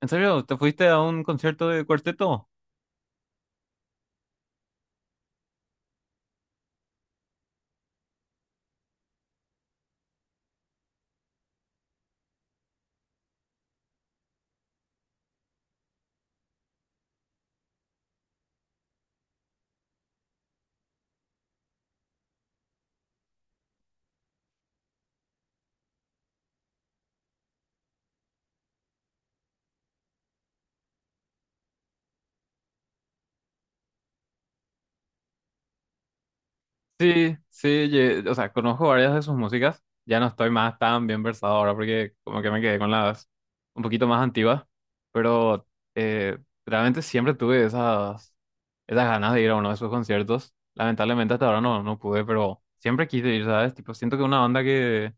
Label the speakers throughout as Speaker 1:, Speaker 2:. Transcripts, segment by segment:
Speaker 1: ¿En serio? ¿Te fuiste a un concierto de cuarteto? Sí, sí, o sea, conozco varias de sus músicas. Ya no estoy más tan bien versado ahora porque como que me quedé con las un poquito más antiguas, pero eh, realmente siempre tuve esas ganas de ir a uno de sus conciertos. Lamentablemente hasta ahora no, no pude, pero siempre quise ir, ¿sabes? Tipo, siento que una banda que,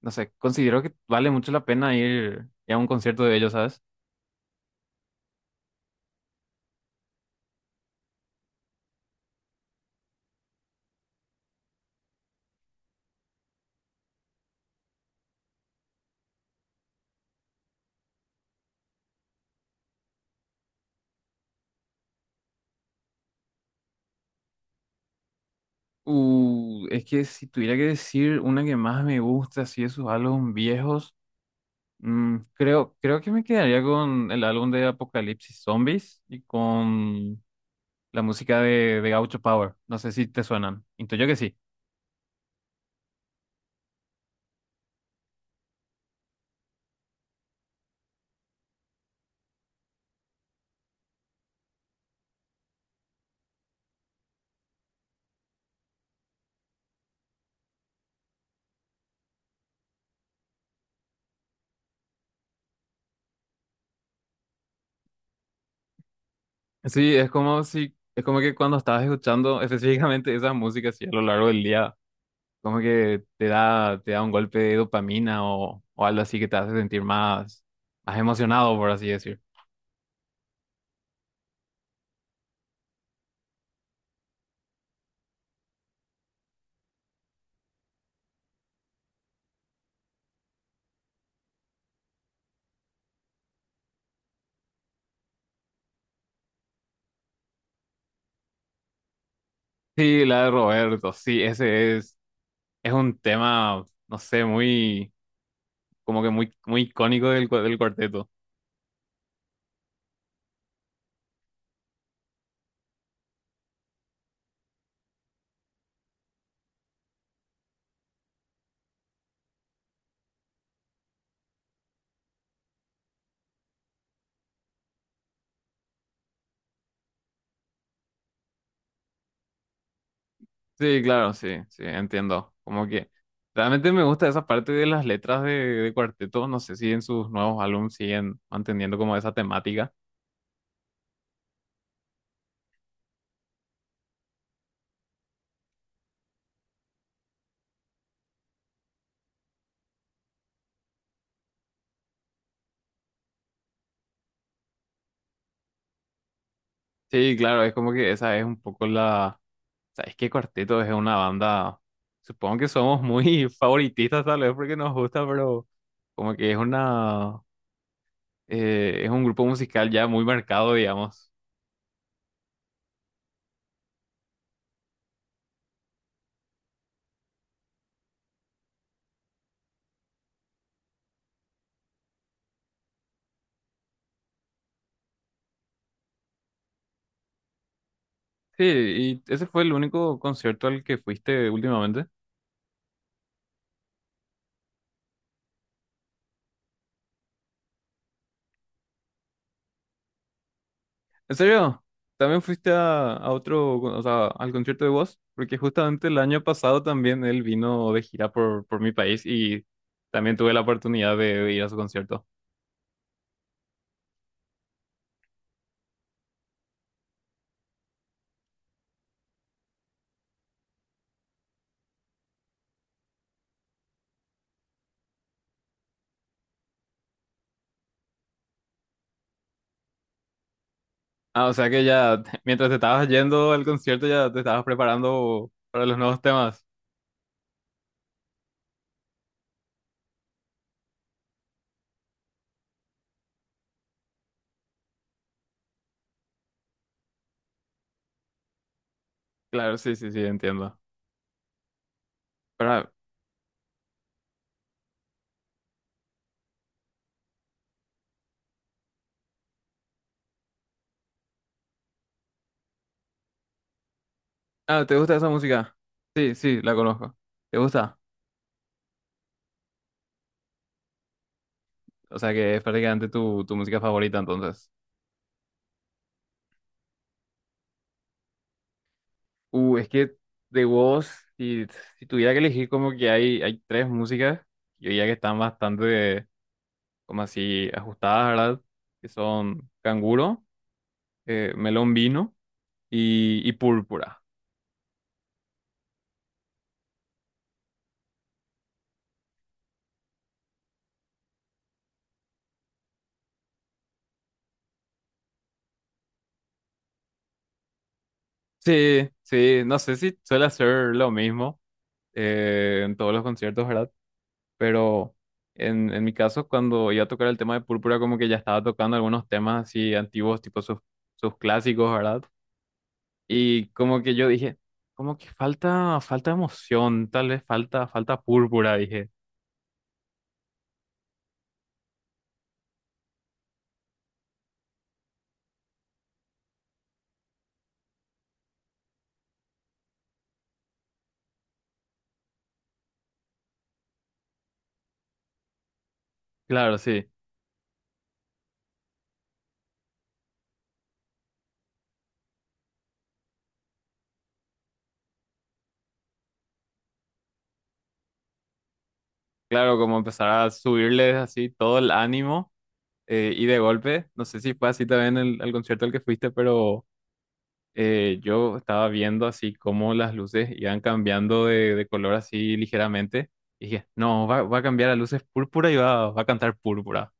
Speaker 1: no sé, considero que vale mucho la pena ir a un concierto de ellos, ¿sabes? Es que si tuviera que decir una que más me gusta, si esos álbumes viejos, mm, creo que me quedaría con el álbum de Apocalipsis Zombies y con la música de Gaucho Power. No sé si te suenan. Intuyo que sí. Sí, es como si, es como que cuando estabas escuchando específicamente esas músicas así a lo largo del día, como que te te da un golpe de dopamina o algo así que te hace sentir más, más emocionado, por así decir. Sí, la de Roberto, sí, ese es. Es un tema, no sé, muy, como que muy, muy icónico del cuarteto. Sí, claro, sí, sí, entiendo. Como que realmente me gusta esa parte de las letras de cuarteto. No sé si en sus nuevos álbumes siguen manteniendo como esa temática. Sí, claro, es como que esa es un poco la... ¿Sabes qué? Cuarteto es una banda, supongo que somos muy favoritistas tal vez porque nos gusta, pero como que es una... es un grupo musical ya muy marcado, digamos. Sí, y ese fue el único concierto al que fuiste últimamente. ¿En serio? ¿También fuiste a otro, o sea, al concierto de Woz? Porque justamente el año pasado también él vino de gira por mi país y también tuve la oportunidad de ir a su concierto. Ah, o sea que ya, mientras te estabas yendo al concierto, ya te estabas preparando para los nuevos temas. Claro, sí, sí, sí, entiendo. Pero, ah, ¿te gusta esa música? Sí, sí, la conozco. ¿Te gusta? O sea que es prácticamente tu, tu música favorita entonces. Es que de vos, si, si tuviera que elegir como que hay tres músicas, yo diría que están bastante como así ajustadas, ¿verdad? Que son Canguro, Melón Vino y Púrpura. Sí, sí, no sé si suele hacer lo mismo en todos los conciertos, ¿verdad? Pero en mi caso, cuando iba a tocar el tema de Púrpura, como que ya estaba tocando algunos temas así antiguos, tipo sus, sus clásicos, ¿verdad? Y como que yo dije, como que falta, falta emoción, tal vez falta, falta Púrpura, dije. Claro, sí, claro, como empezar a subirles así todo el ánimo. Y de golpe, no sé si fue así también el concierto al que fuiste, pero... yo estaba viendo así cómo las luces iban cambiando de color así ligeramente. Y dije, no, va, va a cambiar a luces púrpura y va, va a cantar púrpura.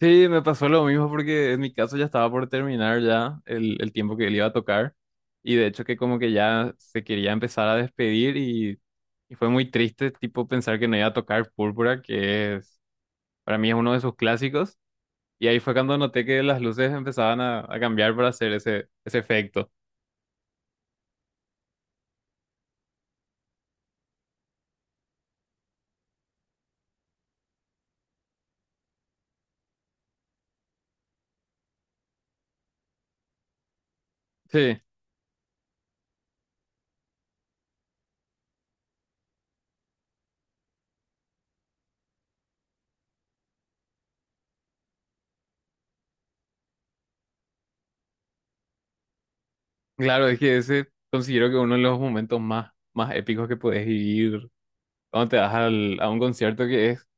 Speaker 1: Sí, me pasó lo mismo porque en mi caso ya estaba por terminar ya el tiempo que él iba a tocar. Y de hecho que como que ya se quería empezar a despedir y fue muy triste tipo pensar que no iba a tocar púrpura, que es, para mí es uno de sus clásicos. Y ahí fue cuando noté que las luces empezaban a cambiar para hacer ese, ese efecto. Sí. Claro, es que ese considero que uno de los momentos más, más épicos que puedes vivir cuando te vas a un concierto que es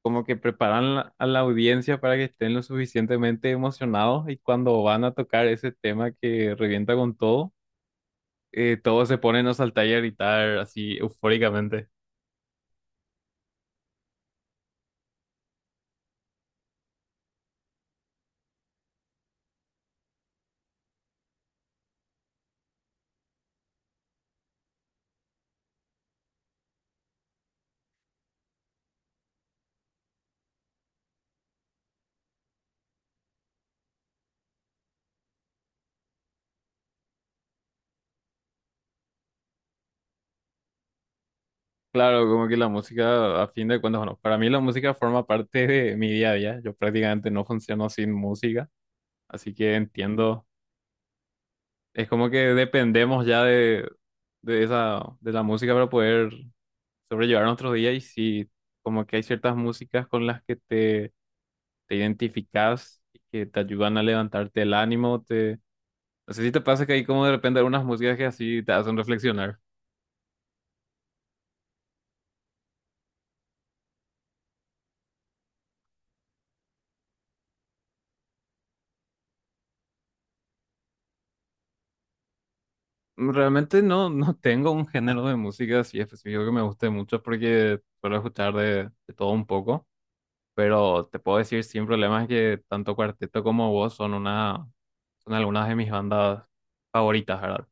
Speaker 1: como que preparan a la audiencia para que estén lo suficientemente emocionados y cuando van a tocar ese tema que revienta con todo, todos se ponen a saltar y a gritar así eufóricamente. Claro, como que la música, a fin de cuentas, bueno, para mí la música forma parte de mi día a día. Yo prácticamente no funciono sin música, así que entiendo. Es como que dependemos ya de esa, de la música para poder sobrellevar nuestros días y sí, como que hay ciertas músicas con las que te identificas y que te ayudan a levantarte el ánimo, te... No sé si te pasa que hay como de repente algunas músicas que así te hacen reflexionar. Realmente no, no tengo un género de música así específico que me guste mucho porque suelo escuchar de todo un poco. Pero te puedo decir sin problemas que tanto Cuarteto como vos son una, son algunas de mis bandas favoritas, ¿verdad?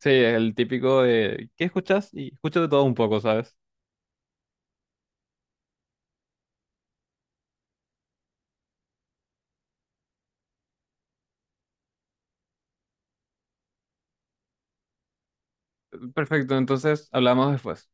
Speaker 1: Sí, el típico de ¿qué escuchas? Y escucho de todo un poco, ¿sabes? Perfecto, entonces hablamos después.